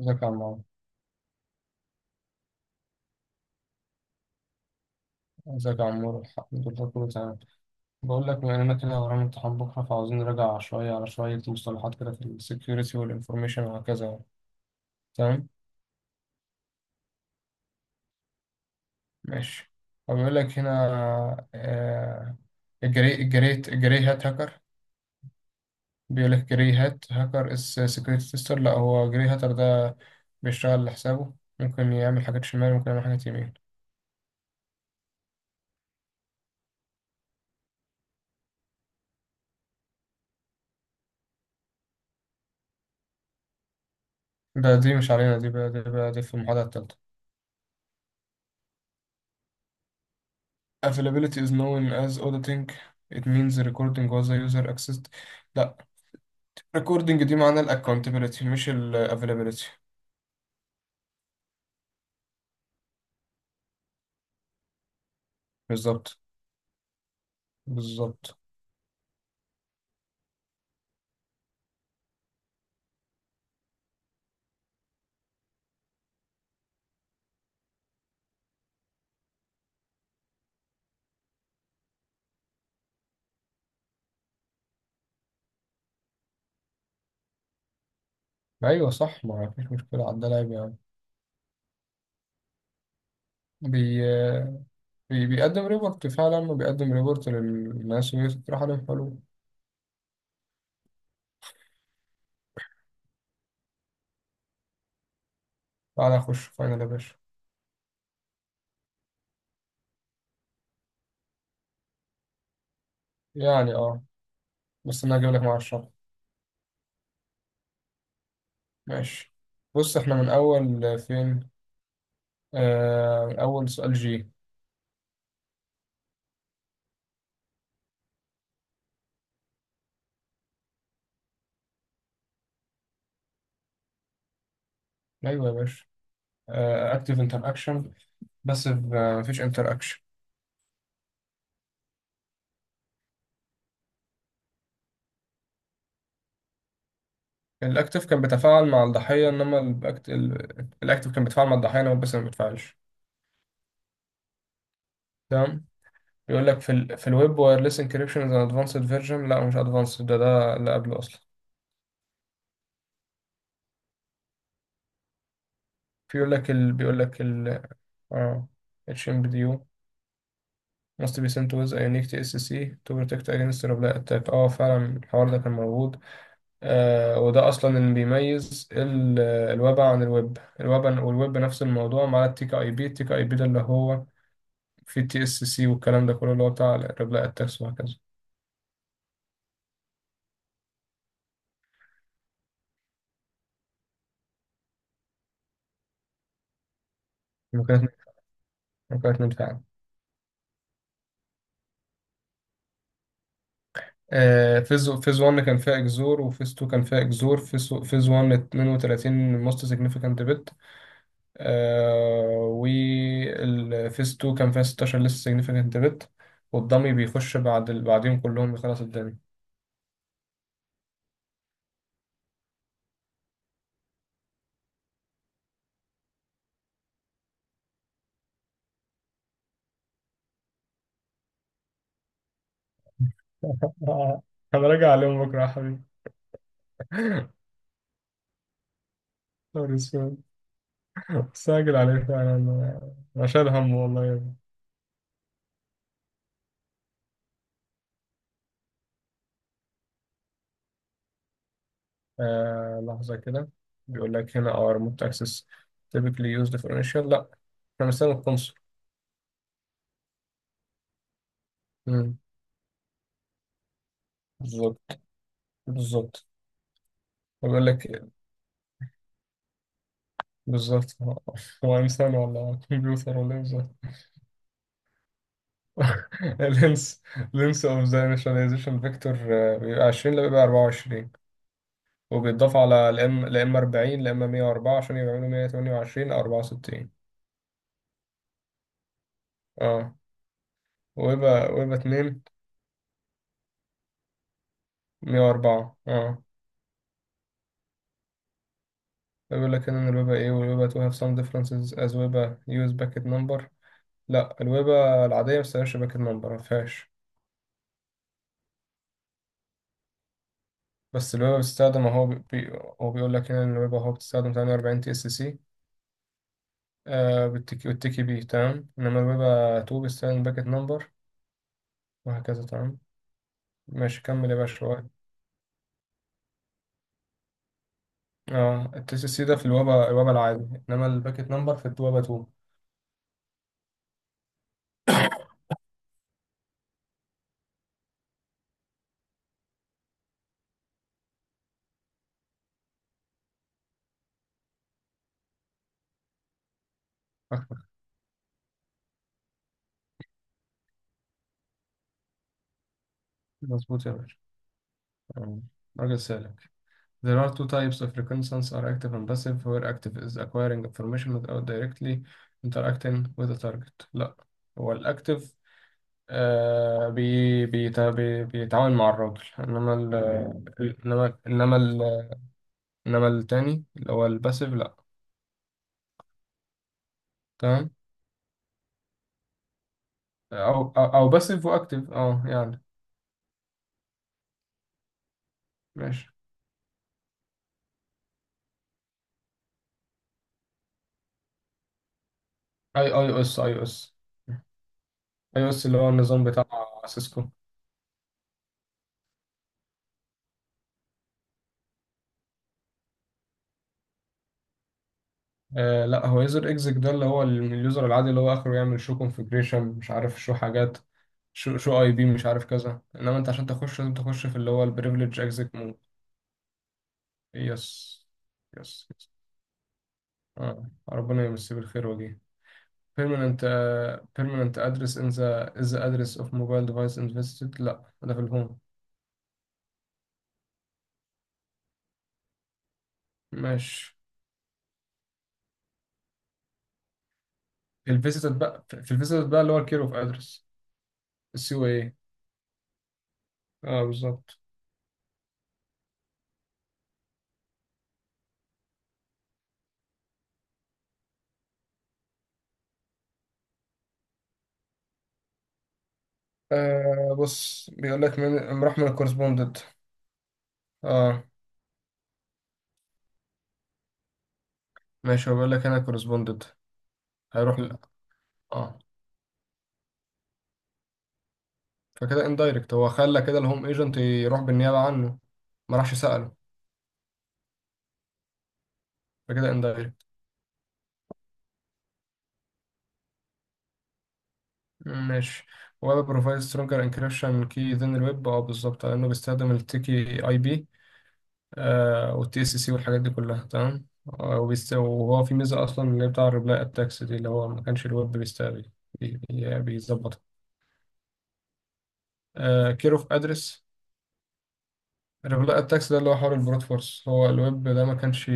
ازيك يا عمار ازيك يا عمار. الحمد لله كله تمام. بقول لك، بما اننا كده ورانا امتحان بكره، فعاوزين نراجع شويه على شويه مصطلحات كده في السكيورتي والانفورميشن وهكذا يعني. تمام. ماشي. فبيقول لك هنا آه، الجري هات هاكر. بيقول لك جري هات هاكر از سكيورتي تيستر. لا، هو جري هاتر ده بيشتغل لحسابه، ممكن يعمل حاجات شمال ممكن يعمل حاجات يمين. دي مش علينا، دي في المحاضره التالتة. Availability is known as auditing. It means recording was a user accessed. لا، recording دي معناها ال accountability مش ال availability. بالظبط. بالظبط. ايوه صح، ما فيش مشكله على ده، لاعب يعني. بي... بيقدم ريبورت فعلا، وبيقدم ريبورت للناس ويطرح عليهم حلول. تعالى اخش فاينل يا باشا. يعني اه، بس انا هجيب لك مع الشرح. ماشي. بص احنا من اول فين؟ اول سؤال جي. ايوه يا باشا، اكتيف انتر اكشن. بس مفيش انتراكشن. الاكتف كان بيتفاعل مع الضحيه، انما الاكتف كان بيتفاعل مع الضحيه انما بس ما بيتفاعلش. تمام. يقول لك في ال في الويب وايرلس انكريبشن از ادفانسد فيرجن. لا مش ادفانسد، ده ده اللي قبله اصلا. في يقول لك ال بيقول لك ال اه اتش ام بي دي يو must be sent with a unique TSC to protect against reply attack. اه فعلا الحوار ده كان موجود. آه وده اصلا اللي بيميز الويب عن الويب الويب والويب. نفس الموضوع مع التيك اي بي. التيك اي بي ده اللي هو في تي اس سي، والكلام ده كله اللي هو بتاع الريبلاي اتاكس وهكذا. ممكن ممكن اتنين فعلا. آه فيز 1 كان فيها اكزور، وفيز 2 كان فيها اكزور. فيز 1 32 موست سيجنيفيكانت بت. آه، والفيز 2 كان فيها 16 لسه سيجنيفيكانت بت. والضمي بيخش بعد بعديهم كلهم بيخلص الدنيا. آه، انا راجع عليهم بكره يا حبيبي. نهار اسود. ساجل عليه فعلا. أنا شايل هم والله. آه لحظة كده. بيقول لك هنا our remote access typically used for initial. لا، احنا بنستخدم الكونسول. مم. بالظبط. بالظبط. بيقول لك بالظبط هو، هو انسان ولا كمبيوتر ولا ايه بالظبط. اللينس، لينس اوف ذا initialization فيكتور بيبقى 20. لا بيبقى 24، وبيتضاف على الام الام 40 الام 104 عشان يعملوا 128 او 64. اه، ويبقى 2. 104 اه. بيقول لك هنا ان الويبة ايه والويبة to have some differences as ويبة use packet number. لا الويبة العادية ما بتستخدمش باكت نمبر، ما فيهاش. بس الويبة بتستخدم اهو، هو بيقول لك هنا ان الويبة اهو بتستخدم 48 تي اس سي بالتكي والتكي بي، تمام. انما الويبة 2 بتستخدم باكت نمبر، وهكذا. تمام. ماشي كمل يا باشا شوية. اه التي اس سي ده في الويبة الويبة العادي، انما الباكت نمبر في الويبة 2. مظبوط يا باشا. آه، راجل سالك. There are two types of reconnaissance are active and passive, where active is acquiring information without directly interacting with the target. لا، هو الأكتف آه بي بيتا بي بيتعاون مع الراجل، انما ال انما ال انما التاني اللي هو الباسيف لا. تمام. أو باسيف واكتف اه يعني. ماشي. اي او اس اي او اس اللي هو النظام بتاع سيسكو. آه لا، هو يوزر اكزيك ده اللي هو اليوزر العادي اللي هو اخره يعمل شو كونفجريشن مش عارف شو حاجات، شو اي بي مش عارف كذا. انما انت عشان تخش لازم تخش في اللي هو البريفليج اكزيك مود. يس. يس. اه، ربنا يمسيه بالخير وجيه. permanent permanent address in the is the address of mobile device invested. لا ده في الهوم. ماشي. في الفيزيتد بقى، في الفيزيتد بقى اللي هو الكير اوف ادرس، السي او اي. اه بالظبط. آه بص، بيقول لك من راح من الكورسبوندنت. اه ماشي. هو بيقول لك هنا كورسبوندنت هيروح ل... اه فكده اندايركت، هو خلى كده الهوم ايجنت يروح بالنيابة عنه، ما راحش سأله. فكده اندايركت. ماشي. ويب بروفايد سترونجر انكريبشن كي ذن الويب اه بالظبط، لانه بيستخدم التيكي اي بي والتي اس سي والحاجات دي كلها، تمام. آه، وهو في ميزة اصلا اللي هي بتاع الريبلاي اتاكس دي، اللي هو ما كانش الويب بيستقبل، بيظبطها. كير اوف ادرس. الريبلاي اتاكس ده اللي هو حوار البروت فورس، هو الويب ده ما كانش،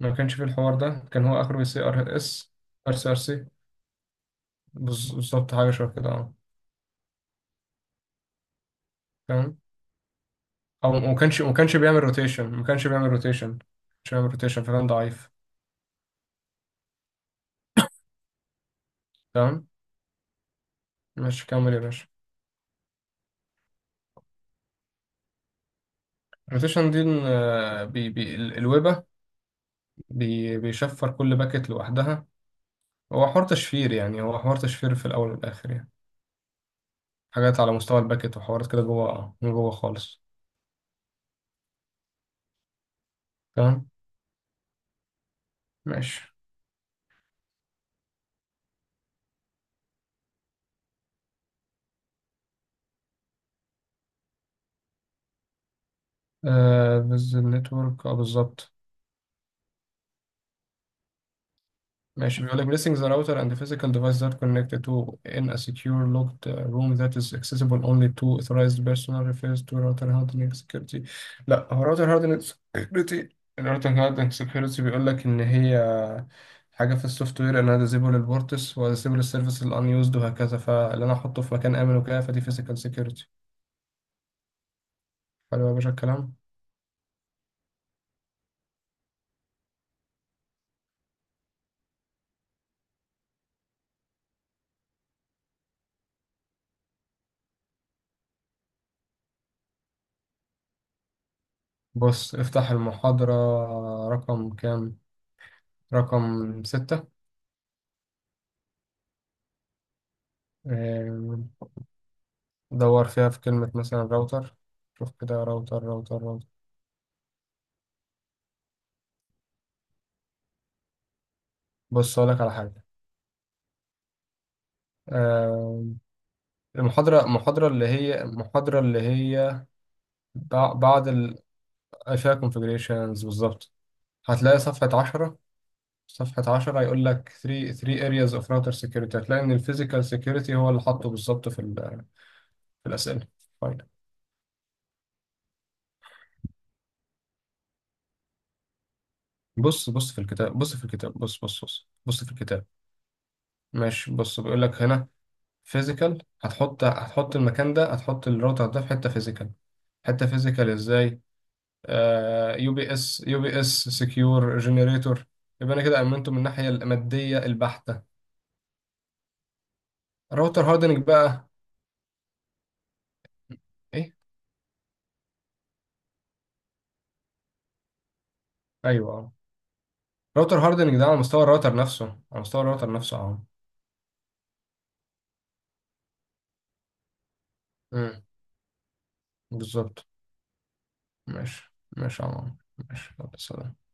ما كانش في الحوار ده، كان هو اخره سي ار اس ار سي ار سي. بالظبط حاجه شبه كده اه. فاهم. او ما كانش بيعمل روتيشن، ما كانش بيعمل روتيشن، مش بيعمل روتيشن، فكان ضعيف. تمام. ماشي كمل يا باشا. الروتيشن دي إن، آه، الويبه بي بيشفر كل باكت لوحدها. هو حوار تشفير يعني، هو حوار تشفير في الاول والاخر يعني. حاجات على مستوى الباكت وحوارات كده جوه، آه، من جوه خالص. تمام. ماشي. آه بز النتورك اه بالظبط. ماشي. بيقول لك blessing the router and the physical device that connect to in a secure locked room that is accessible only to authorized personnel refers to router hardening security. لا هو router hardening security. ال router hardening security بيقول لك ان هي حاجة في السوفت وير، انا disable البورتس و disable السيرفيس ال unused وهكذا. فاللي انا احطه في مكان امن وكده فدي physical security. حلو يا باشا الكلام. بص افتح المحاضرة رقم كام. رقم 6. دور فيها في كلمة مثلا راوتر. شوف كده راوتر راوتر راوتر. بص أقولك على حاجة آه. المحاضرة اللي هي بعد ال، فيها configurations بالظبط. هتلاقي صفحة 10. صفحة عشرة هيقول لك 3 areas of router security. هتلاقي إن الفيزيكال security هو اللي حاطه بالظبط في في الأسئلة. فايدة. بص في الكتاب، بص في الكتاب، بص في الكتاب. ماشي، بص بيقول لك هنا فيزيكال، هتحط المكان ده، هتحط الراوتر ده في حته فيزيكال. حته فيزيكال ازاي؟ يو بي اس سكيور جنريتور. يبقى انا كده امنته من الناحيه الماديه البحته. راوتر هاردنج بقى. ايه. ايوه اه. راوتر هاردنج ده على مستوى الراوتر نفسه، على مستوى الراوتر نفسه اه. امم. بالظبط. ماشي يا عمر. ماشي، يلا، سلام.